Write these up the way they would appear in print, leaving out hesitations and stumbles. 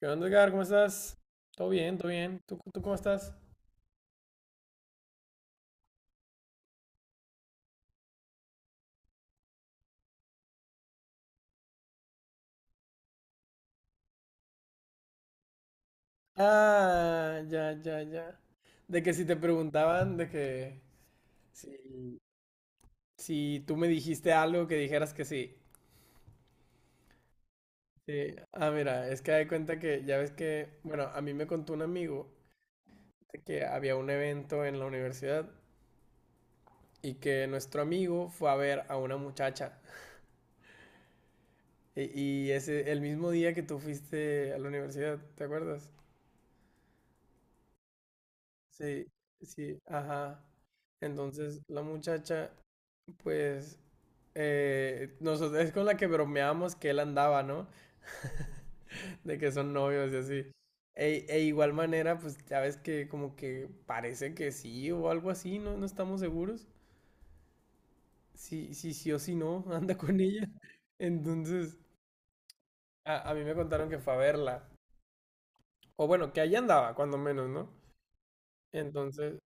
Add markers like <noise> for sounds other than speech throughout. ¿Qué onda, Edgar? ¿Cómo estás? Todo bien, todo bien. ¿Tú cómo estás? Ah, ya, ya, ya. De que si te preguntaban, de que si, si tú me dijiste algo, que dijeras que sí. Sí. Ah, mira, es que de cuenta que ya ves que, bueno, a mí me contó un amigo de que había un evento en la universidad y que nuestro amigo fue a ver a una muchacha. <laughs> Y, y ese, el mismo día que tú fuiste a la universidad, ¿te acuerdas? Sí, sí, ajá. Entonces la muchacha, pues, nosotros, es con la que bromeamos que él andaba, ¿no? <laughs> De que son novios y así. E igual manera, pues ya ves que como que parece que sí o algo así, ¿no? No estamos seguros. Si, si sí o si no, <laughs> anda con ella. <laughs> Entonces, a mí me contaron que fue a verla. O bueno, que allá andaba, cuando menos, ¿no? Entonces,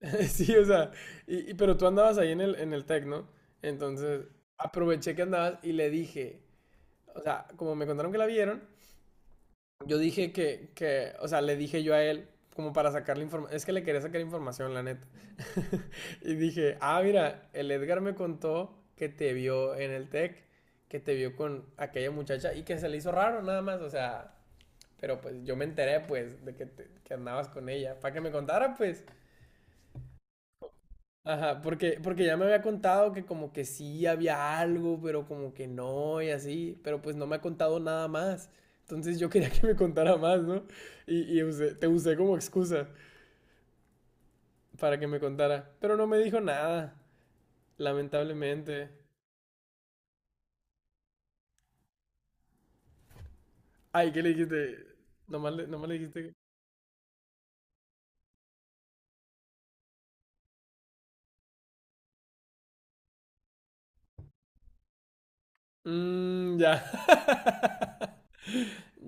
<laughs> sí, o sea, pero tú andabas ahí en el Tec, ¿no? Entonces, aproveché que andabas y le dije, o sea, como me contaron que la vieron, yo dije que o sea, le dije yo a él, como para sacarle información, es que le quería sacar información, la neta. <laughs> Y dije, ah, mira, el Edgar me contó que te vio en el Tec, que te vio con aquella muchacha y que se le hizo raro nada más, o sea, pero pues yo me enteré pues de que, que andabas con ella, para que me contara pues. Ajá, porque ya me había contado que como que sí había algo, pero como que no y así, pero pues no me ha contado nada más. Entonces yo quería <laughs> que me contara más, ¿no? Y, te usé como excusa para que me contara, pero no me dijo nada, lamentablemente. Ay, ¿qué le dijiste? Nomás le dijiste que... Mmm, ya. <laughs>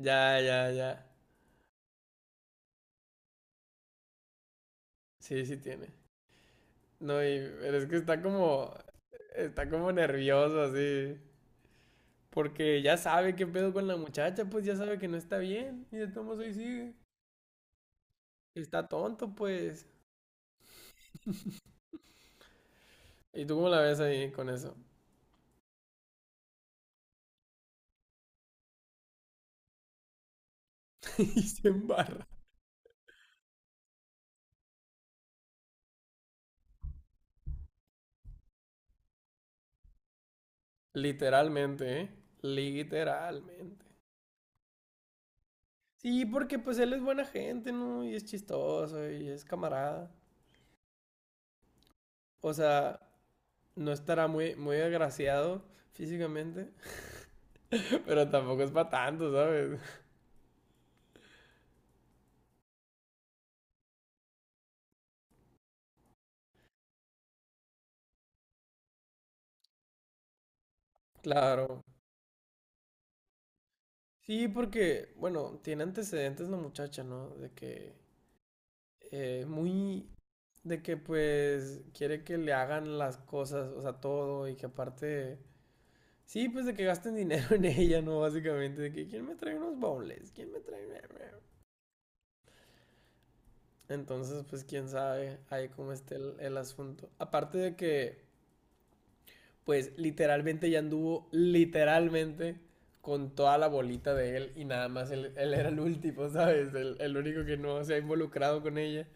Ya, ya, ya. Sí, sí tiene. No, y pero es que está como... Está como nervioso así. Porque ya sabe qué pedo con la muchacha, pues ya sabe que no está bien. Y de todos modos ahí sigue. Está tonto, pues. ¿Y tú cómo la ves ahí con eso? <laughs> Y se embarra. Literalmente, ¿eh? Literalmente. Sí, porque pues él es buena gente, ¿no? Y es chistoso y es camarada. O sea, no estará muy, muy agraciado físicamente, <laughs> pero tampoco es para tanto, ¿sabes? <laughs> Claro. Sí, porque, bueno, tiene antecedentes la muchacha, ¿no? De que muy de que pues quiere que le hagan las cosas, o sea, todo y que aparte, sí, pues de que gasten dinero <laughs> en ella, ¿no? Básicamente, de que quién me trae unos bowls, quién me trae... Entonces, pues quién sabe ahí cómo esté el asunto. Aparte de que, pues literalmente ya anduvo, literalmente, con toda la bolita de él y nada más él, él era el último, ¿sabes? El único que no se ha involucrado con ella.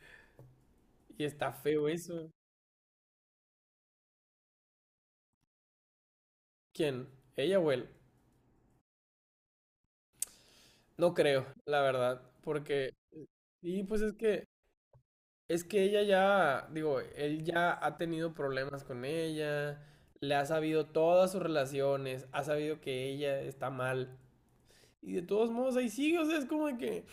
Y está feo eso. ¿Quién? ¿Ella o él? No creo, la verdad, porque, y pues es que, es que ella ya, digo, él ya ha tenido problemas con ella, le ha sabido todas sus relaciones, ha sabido que ella está mal, y de todos modos ahí sigue, o sea, es como de que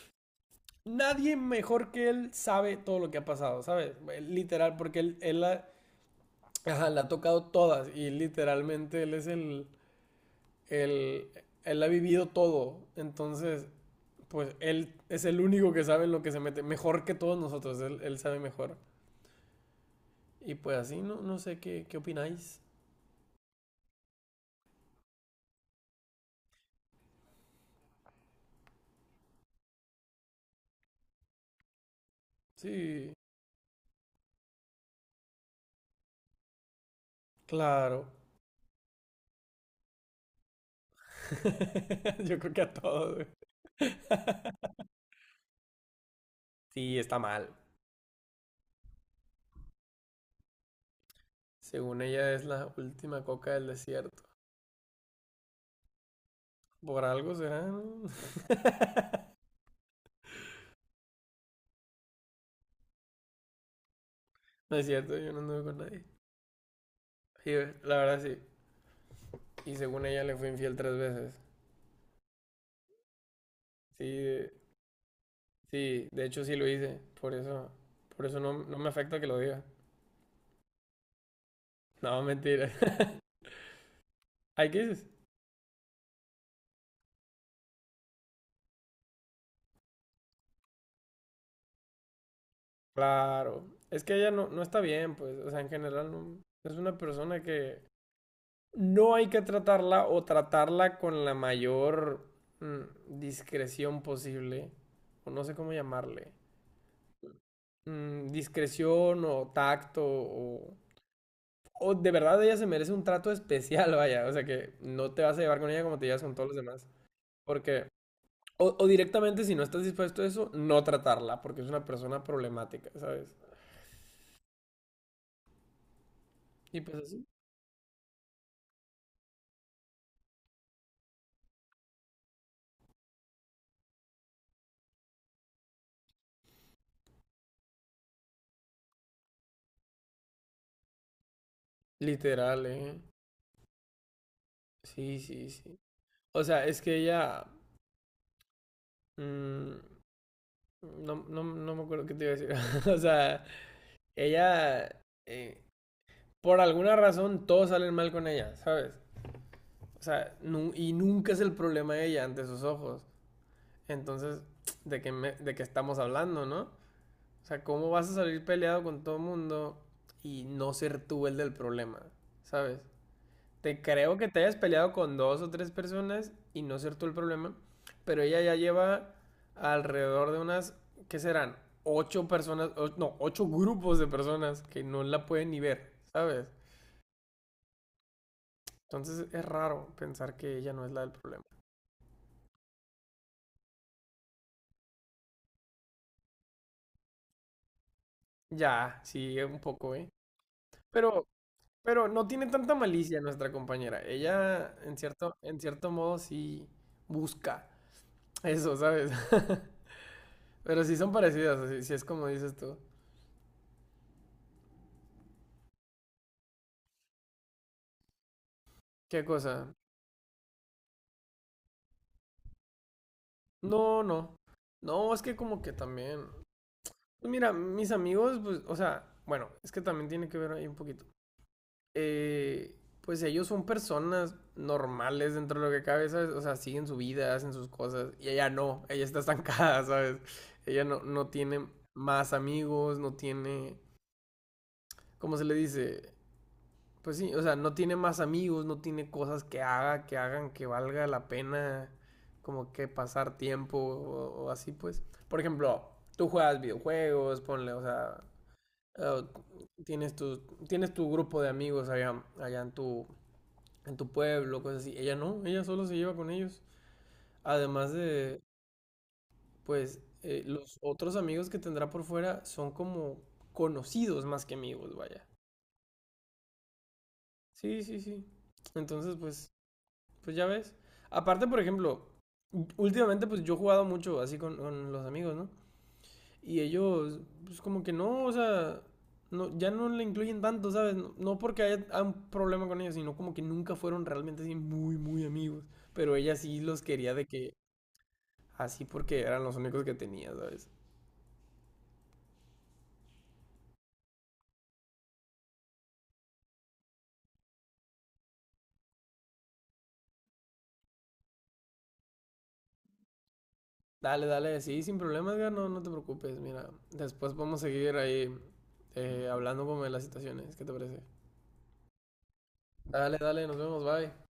nadie mejor que él sabe todo lo que ha pasado, ¿sabes? Él, literal, porque él la, ajá, la ha tocado todas, y literalmente él es el, él ha vivido todo, entonces pues él es el único que sabe en lo que se mete, mejor que todos nosotros, él sabe mejor. Y pues así, no, no sé qué, qué opináis. Sí, claro. <laughs> Yo creo que a todos, güey. <laughs> Sí, está mal. Según ella es la última coca del desierto. Por algo será, ¿no? <laughs> No es cierto, yo no anduve con nadie. Sí, la verdad sí. Y según ella le fui infiel tres veces. Sí, sí, de hecho sí lo hice. Por eso no, no me afecta que lo diga. No, mentira. <laughs> Hay crisis. Claro. Es que ella no, no está bien, pues. O sea, en general no, es una persona que no hay que tratarla o tratarla con la mayor discreción posible. O no sé cómo llamarle. Discreción o tacto o... O de verdad ella se merece un trato especial, vaya. O sea que no te vas a llevar con ella como te llevas con todos los demás. Porque... O, o directamente, si no estás dispuesto a eso, no tratarla, porque es una persona problemática, ¿sabes? Y pues así. Literal, ¿eh? Sí, sí, sí. O sea, es que ella... mm, no, no, no me acuerdo qué te iba a decir. <laughs> O sea, ella... eh, por alguna razón todos salen mal con ella, ¿sabes? O sea, nunca es el problema de ella ante sus ojos. Entonces, <tsk> ¿de qué, de qué estamos hablando, no? O sea, ¿cómo vas a salir peleado con todo el mundo y no ser tú el del problema? ¿Sabes? Te creo que te hayas peleado con dos o tres personas y no ser tú el problema, pero ella ya lleva alrededor de unas, ¿qué serán? Ocho personas, no, ocho grupos de personas que no la pueden ni ver, ¿sabes? Entonces es raro pensar que ella no es la del problema. Ya, sí, un poco, ¿eh? Pero, pero no tiene tanta malicia nuestra compañera. Ella, en cierto modo, sí busca eso, ¿sabes? <laughs> Pero sí son parecidas, así, sí es como dices tú. ¿Qué cosa? No, no. No, es que como que también. Pues mira, mis amigos, pues, o sea, bueno, es que también tiene que ver ahí un poquito. Eh, pues ellos son personas normales dentro de lo que cabe, ¿sabes? O sea, siguen su vida, hacen sus cosas. Y ella no, ella está estancada, <laughs> ¿sabes? Ella no, no tiene más amigos, no tiene, ¿cómo se le dice? Pues sí, o sea, no tiene más amigos, no tiene cosas que haga, que hagan que valga la pena como que pasar tiempo o así, pues. Por ejemplo, tú juegas videojuegos, ponle, o sea, eh, tienes tienes tu grupo de amigos allá, allá en en tu pueblo, cosas así. Ella no, ella solo se lleva con ellos. Además de, pues, los otros amigos que tendrá por fuera son como conocidos más que amigos, vaya. Sí, sí, sí. Entonces, pues, pues ya ves. Aparte, por ejemplo, últimamente pues yo he jugado mucho así con los amigos, ¿no? Y ellos, pues como que no, o sea, no, ya no le incluyen tanto, ¿sabes? No, no porque haya un problema con ellos, sino como que nunca fueron realmente así muy, muy amigos. Pero ella sí los quería de que así porque eran los únicos que tenía, ¿sabes? Dale, dale, sí, sin problema, Edgar, no, no te preocupes, mira. Después podemos seguir ahí hablando como de las situaciones, ¿qué te parece? Dale, dale, nos vemos, bye.